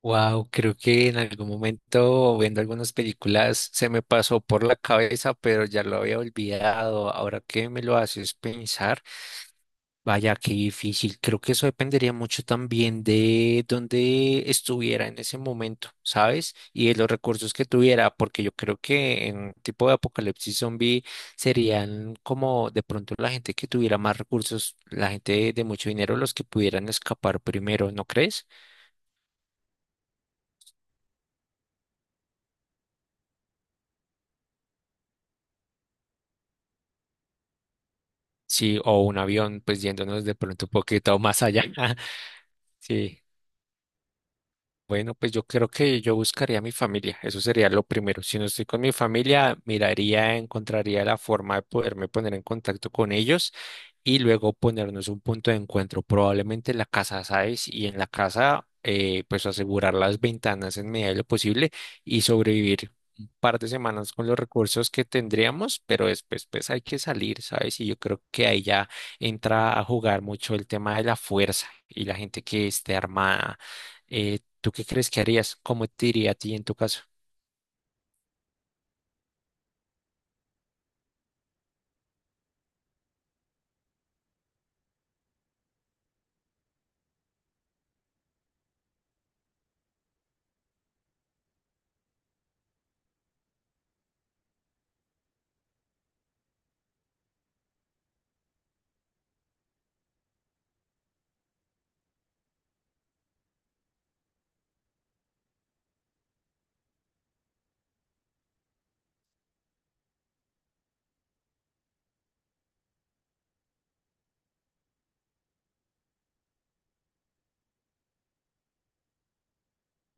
Wow, creo que en algún momento viendo algunas películas se me pasó por la cabeza, pero ya lo había olvidado. Ahora que me lo haces pensar, vaya, qué difícil. Creo que eso dependería mucho también de dónde estuviera en ese momento, ¿sabes? Y de los recursos que tuviera, porque yo creo que en tipo de apocalipsis zombie serían como de pronto la gente que tuviera más recursos, la gente de mucho dinero, los que pudieran escapar primero, ¿no crees? Sí, o un avión, pues yéndonos de pronto un poquito más allá. Sí. Bueno, pues yo creo que yo buscaría a mi familia, eso sería lo primero. Si no estoy con mi familia, miraría, encontraría la forma de poderme poner en contacto con ellos y luego ponernos un punto de encuentro, probablemente en la casa, ¿sabes? Y en la casa, pues asegurar las ventanas en medida de lo posible y sobrevivir un par de semanas con los recursos que tendríamos, pero después pues hay que salir, ¿sabes? Y yo creo que ahí ya entra a jugar mucho el tema de la fuerza y la gente que esté armada. ¿Tú qué crees que harías? ¿Cómo te iría a ti en tu caso?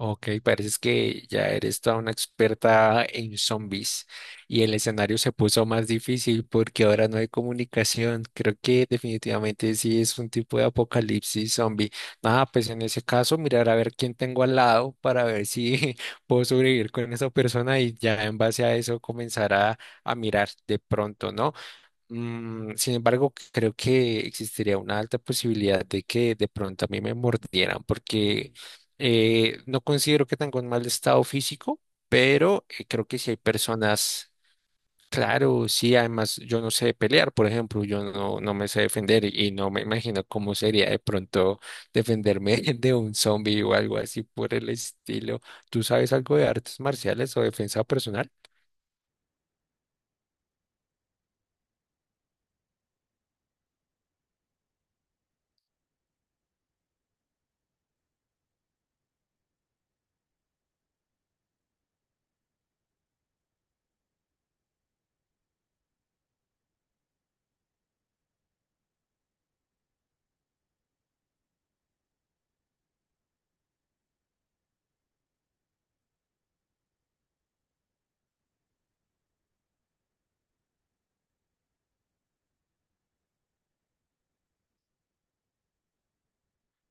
Ok, pareces que ya eres toda una experta en zombies y el escenario se puso más difícil porque ahora no hay comunicación. Creo que definitivamente sí es un tipo de apocalipsis zombie. Nada, pues en ese caso mirar a ver quién tengo al lado para ver si puedo sobrevivir con esa persona y ya en base a eso comenzar a mirar de pronto, ¿no? Mm, sin embargo, creo que existiría una alta posibilidad de que de pronto a mí me mordieran, porque no considero que tenga un mal estado físico, pero creo que si hay personas, claro, sí, además yo no sé pelear, por ejemplo, yo no me sé defender y no me imagino cómo sería de pronto defenderme de un zombie o algo así por el estilo. ¿Tú sabes algo de artes marciales o defensa personal?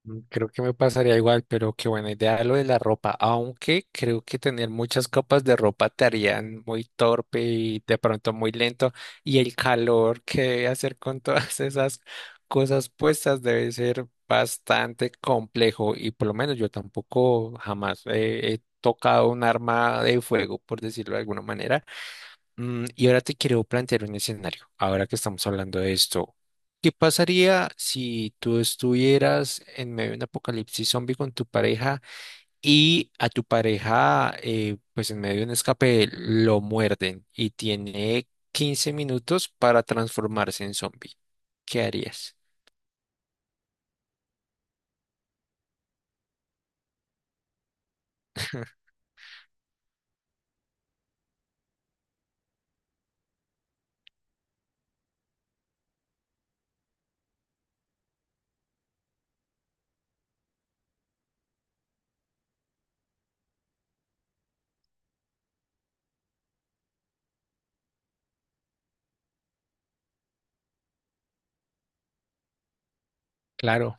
Mm, creo que me pasaría igual, pero qué buena idea lo de la ropa, aunque creo que tener muchas copas de ropa te harían muy torpe y de pronto muy lento, y el calor que hacer con todas esas cosas puestas debe ser bastante complejo y por lo menos yo tampoco jamás he tocado un arma de fuego, por decirlo de alguna manera. Mm, y ahora te quiero plantear un escenario, ahora que estamos hablando de esto. ¿Qué pasaría si tú estuvieras en medio de un apocalipsis zombie con tu pareja y a tu pareja, pues en medio de un escape, lo muerden y tiene 15 minutos para transformarse en zombie? ¿Qué harías? Claro.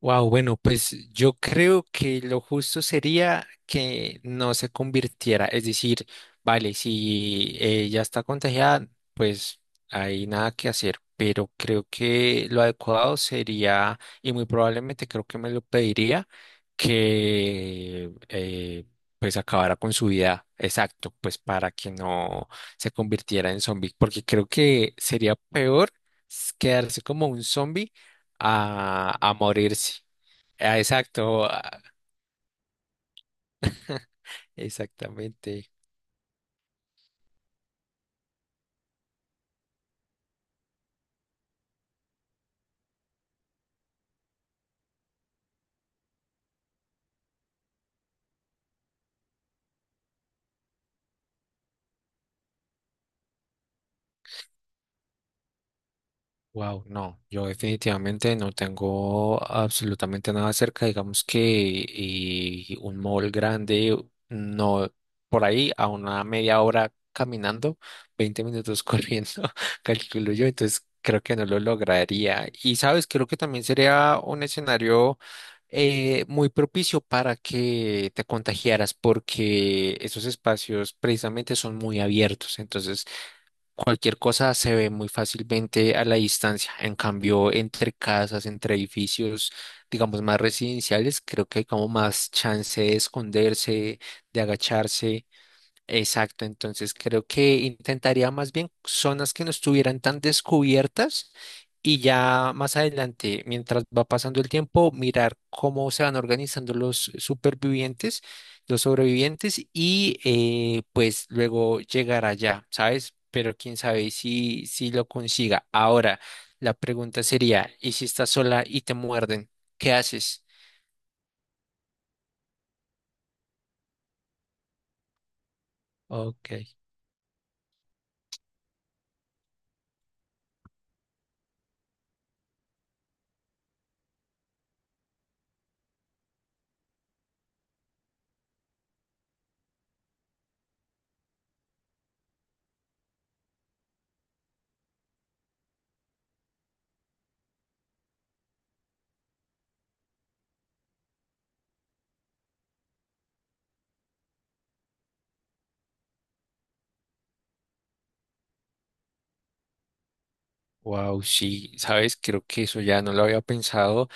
Wow, bueno, pues yo creo que lo justo sería que no se convirtiera, es decir, vale, si ya está contagiada, pues hay nada que hacer, pero creo que lo adecuado sería, y muy probablemente creo que me lo pediría, que pues acabara con su vida, exacto, pues para que no se convirtiera en zombie, porque creo que sería peor quedarse como un zombie a morirse. Ah, exacto, a- exactamente. Wow, no, yo definitivamente no tengo absolutamente nada cerca, digamos que y un mall grande, no, por ahí a una media hora caminando, 20 minutos corriendo, calculo yo, entonces creo que no lo lograría. Y sabes, creo que también sería un escenario muy propicio para que te contagiaras porque esos espacios precisamente son muy abiertos, entonces cualquier cosa se ve muy fácilmente a la distancia. En cambio, entre casas, entre edificios, digamos, más residenciales, creo que hay como más chance de esconderse, de agacharse. Exacto, entonces creo que intentaría más bien zonas que no estuvieran tan descubiertas y ya más adelante, mientras va pasando el tiempo, mirar cómo se van organizando los supervivientes, los sobrevivientes y pues luego llegar allá, ¿sabes? Pero quién sabe si, si lo consiga. Ahora, la pregunta sería, ¿y si estás sola y te muerden? ¿Qué haces? Ok, wow, sí, sabes, creo que eso ya no lo había pensado.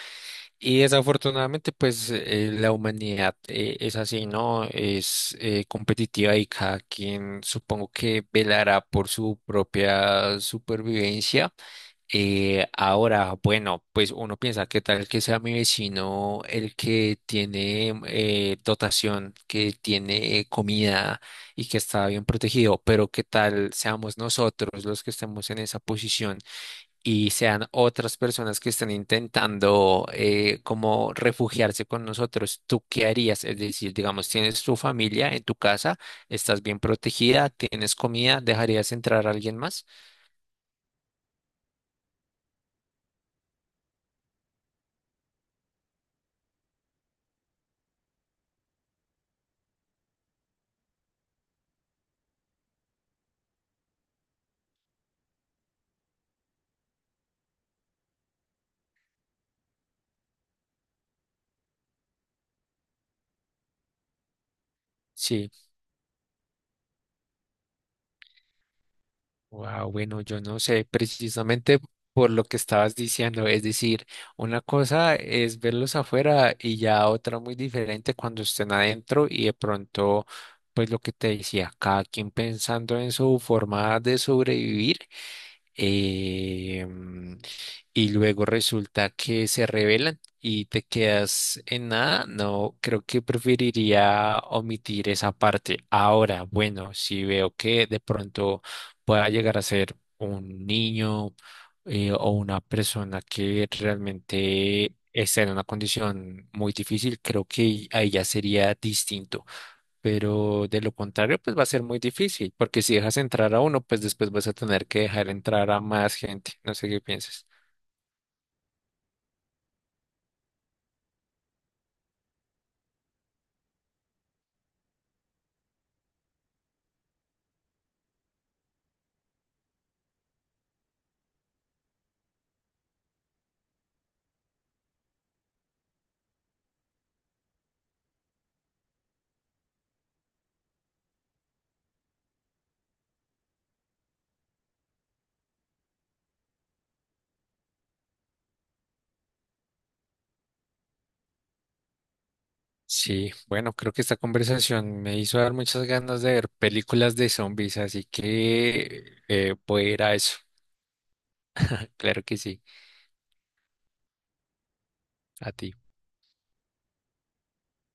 Y desafortunadamente, pues la humanidad es así, ¿no? Es competitiva y cada quien supongo que velará por su propia supervivencia. Ahora, bueno, pues uno piensa, ¿qué tal que sea mi vecino el que tiene dotación, que tiene comida y que está bien protegido? Pero ¿qué tal seamos nosotros los que estemos en esa posición? Y sean otras personas que están intentando como refugiarse con nosotros, ¿tú qué harías? Es decir, digamos, tienes tu familia en tu casa, estás bien protegida, tienes comida, ¿dejarías entrar a alguien más? Sí, wow, bueno, yo no sé precisamente por lo que estabas diciendo, es decir, una cosa es verlos afuera y ya otra muy diferente cuando estén adentro y de pronto, pues lo que te decía, cada quien pensando en su forma de sobrevivir. eh, mm, y luego resulta que se revelan y te quedas en nada, no, creo que preferiría omitir esa parte. Ahora, bueno, si veo que de pronto pueda llegar a ser un niño o una persona que realmente está en una condición muy difícil, creo que ahí ya sería distinto, pero de lo contrario, pues va a ser muy difícil, porque si dejas entrar a uno, pues después vas a tener que dejar entrar a más gente. No sé qué piensas. Sí, bueno, creo que esta conversación me hizo dar muchas ganas de ver películas de zombies, así que voy a ir a eso. Claro que sí, a ti.